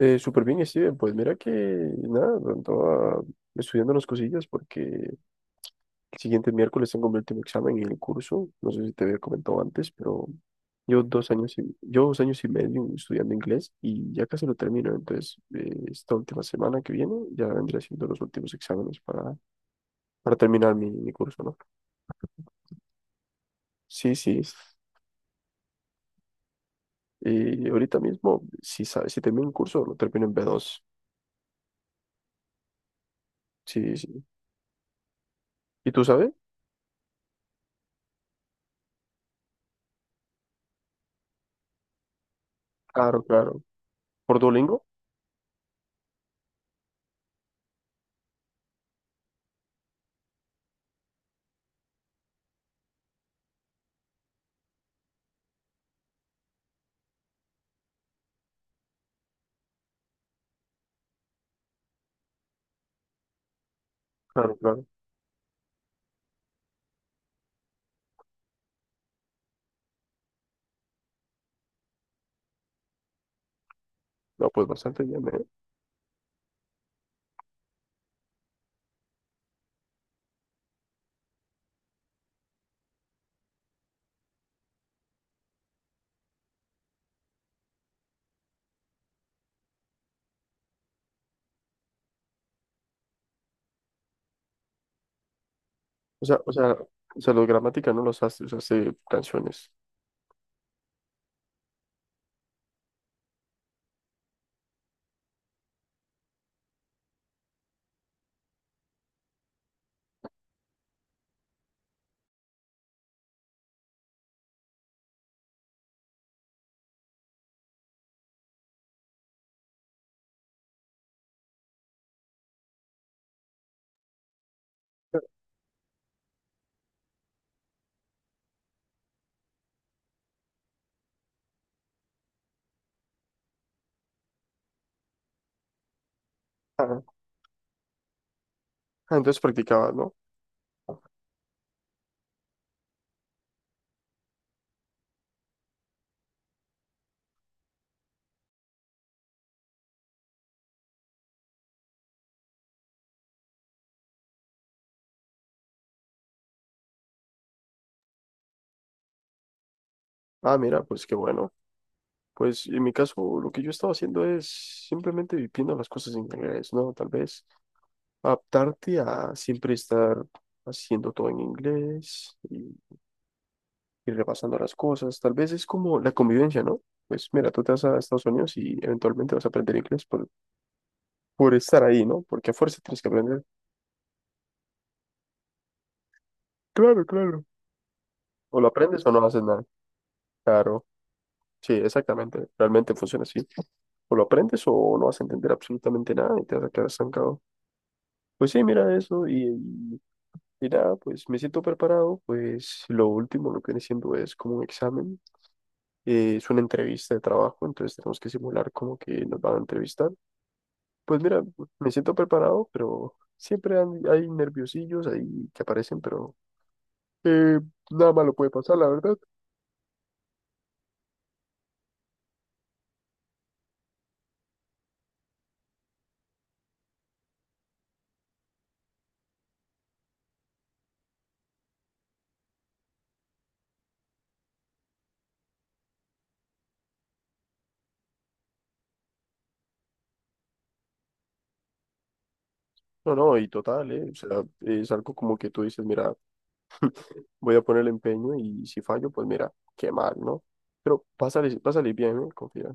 Súper bien, Steven. Pues mira que nada, andaba estudiando unas cosillas porque el siguiente miércoles tengo mi último examen en el curso. No sé si te había comentado antes, pero yo 2 años y medio estudiando inglés y ya casi lo termino. Entonces, esta última semana que viene ya vendré haciendo los últimos exámenes para terminar mi curso, ¿no? Sí, sí. Y ahorita mismo, si termino el curso, lo termino en B2. Sí, sí. ¿Y tú sabes? Claro, claro. ¿Por Duolingo? Claro, claro. No, pues bastante bien, ¿eh? O sea, o sea, o sea, los gramática no los hace, los hace canciones. Ah, ah, entonces practicaba, ¿no? Ah, mira, pues qué bueno. Pues en mi caso, lo que yo estaba haciendo es simplemente viviendo las cosas en inglés, ¿no? Tal vez adaptarte a siempre estar haciendo todo en inglés y repasando las cosas. Tal vez es como la convivencia, ¿no? Pues mira, tú te vas a Estados Unidos y eventualmente vas a aprender inglés por estar ahí, ¿no? Porque a fuerza tienes que aprender. Claro, claro. O lo aprendes o no haces nada. Claro. Sí, exactamente. Realmente funciona así. O lo aprendes o no vas a entender absolutamente nada y te vas a quedar estancado. Pues sí, mira y, y nada, pues me siento preparado. Pues lo último, lo que viene siendo es como un examen, es una entrevista de trabajo, entonces tenemos que simular como que nos van a entrevistar. Pues mira, me siento preparado, pero hay nerviosillos ahí que aparecen, pero eh, nada malo puede pasar, la verdad. No, no, y total, o sea, es algo como que tú dices, mira. Voy a poner el empeño y si fallo, pues mira, qué mal, ¿no? Pero va a salir bien, ¿eh? Confía.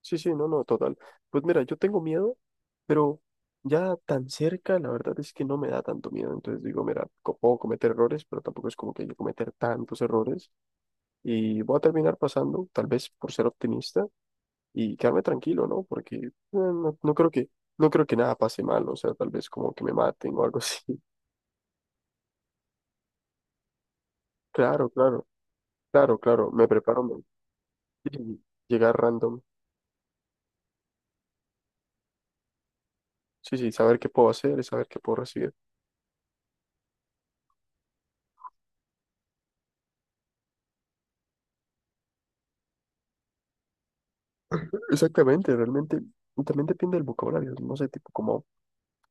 Sí, sí, no, no, total. Pues mira, yo tengo miedo, pero ya tan cerca, la verdad es que no me da tanto miedo. Entonces digo, mira, puedo cometer errores, pero tampoco es como que yo cometer tantos errores y voy a terminar pasando, tal vez por ser optimista y quedarme tranquilo, ¿no? Porque no creo que nada pase mal, o sea, tal vez como que me maten o algo así. Claro, claro, claro, claro, me preparo. Sí, llegar random. Sí, sí, saber qué puedo hacer y saber qué puedo recibir. Exactamente, realmente. Y también depende del vocabulario. No sé, tipo como,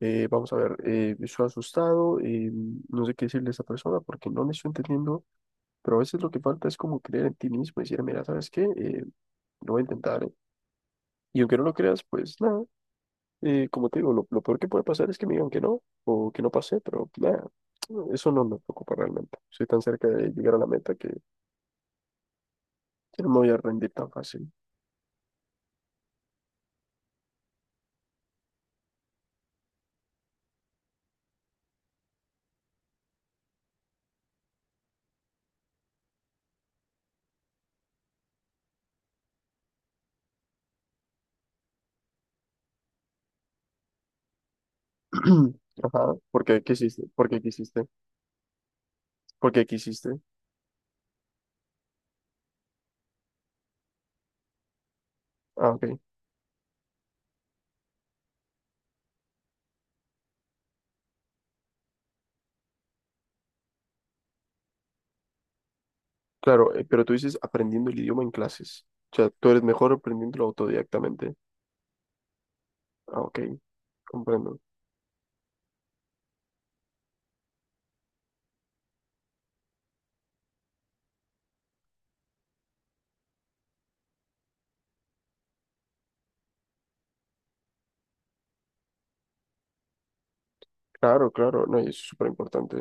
vamos a ver, estoy asustado, no sé qué decirle a esa persona porque no le estoy entendiendo, pero a veces lo que falta es como creer en ti mismo y decir, mira, ¿sabes qué? Lo voy a intentar. Y aunque no lo creas, pues nada, como te digo, lo peor que puede pasar es que me digan que no o que no pasé, pero nada, eso no me preocupa realmente. Soy tan cerca de llegar a la meta que no me voy a rendir tan fácil. Ajá, ¿por qué quisiste? ¿Por qué quisiste? Ah, ok. Claro, pero tú dices aprendiendo el idioma en clases. O sea, tú eres mejor aprendiéndolo autodidactamente. Ah, ok, comprendo. Claro, claro, no, y es súper importante.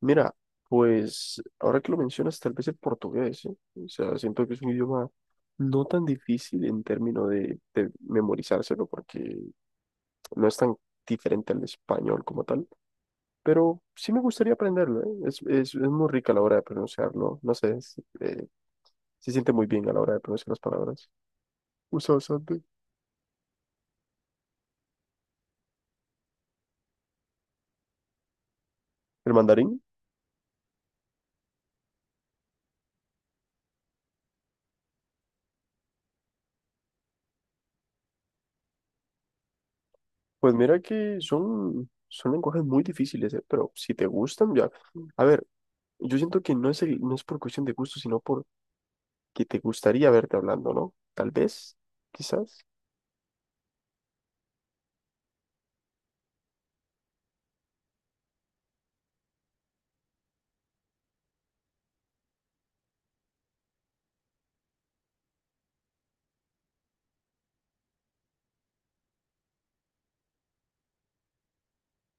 Mira, pues ahora que lo mencionas, tal vez el portugués, ¿eh? O sea, siento que es un idioma no tan difícil en términos de memorizárselo, porque no es tan diferente al español como tal. Pero sí me gustaría aprenderlo, ¿eh? Es muy rica a la hora de pronunciarlo, no sé, es, se siente muy bien a la hora de pronunciar las palabras. Usa bastante. ¿El mandarín? Pues mira que son lenguajes muy difíciles, ¿eh? Pero si te gustan, ya. A ver, yo siento que no es por cuestión de gusto, sino por que te gustaría verte hablando, ¿no? Tal vez, quizás.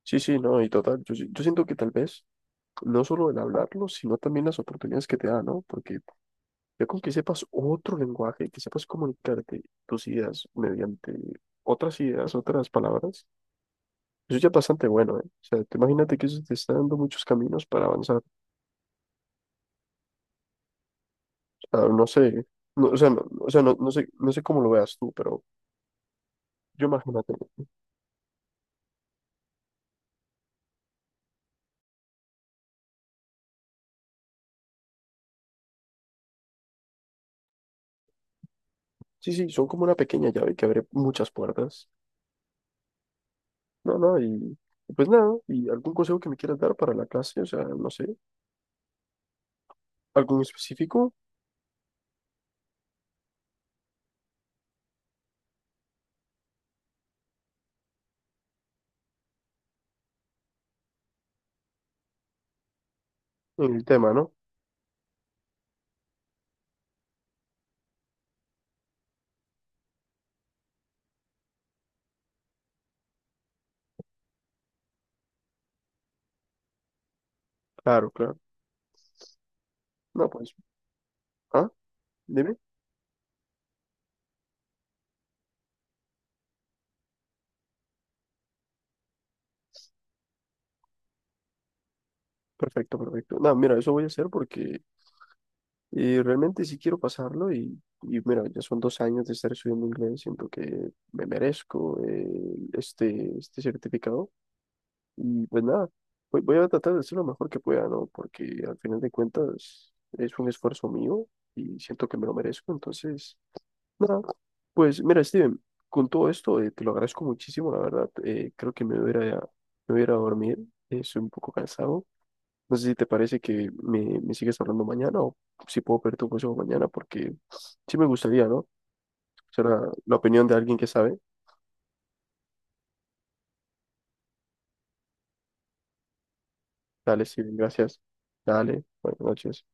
Sí, sí, no, y total, yo, si- yo siento que tal vez no solo el hablarlo, sino también las oportunidades que te da, ¿no? Porque ya con que sepas otro lenguaje, que sepas comunicarte tus ideas mediante otras ideas, otras palabras, eso ya es bastante bueno, ¿eh? O sea, te imagínate que eso te está dando muchos caminos para avanzar. O sea, no sé, no, o sea, no, o sea, no, no sé, no sé cómo lo veas tú, pero yo imagínate. ¿No? Sí, sí, son como una pequeña llave que abre muchas puertas. No, no, y pues nada, ¿y algún consejo que me quieras dar para la clase? O sea, no sé, algún específico en el tema, ¿no? Claro, claro. No, pues, ¿ah? Dime. Perfecto, perfecto. No, mira, eso voy a hacer porque realmente sí quiero pasarlo y mira, ya son 2 años de estar estudiando inglés, siento que me merezco este, este certificado y pues nada, voy a tratar de hacer lo mejor que pueda, ¿no? Porque al final de cuentas es un esfuerzo mío y siento que me lo merezco, entonces, nada, pues mira, Steven, con todo esto te lo agradezco muchísimo, la verdad, creo que me voy a ir a dormir, estoy un poco cansado. No sé si te parece que me sigues hablando mañana o si puedo pedir tu consejo mañana, porque sí me gustaría, ¿no? Será la opinión de alguien que sabe. Dale, sí, gracias. Dale, buenas noches.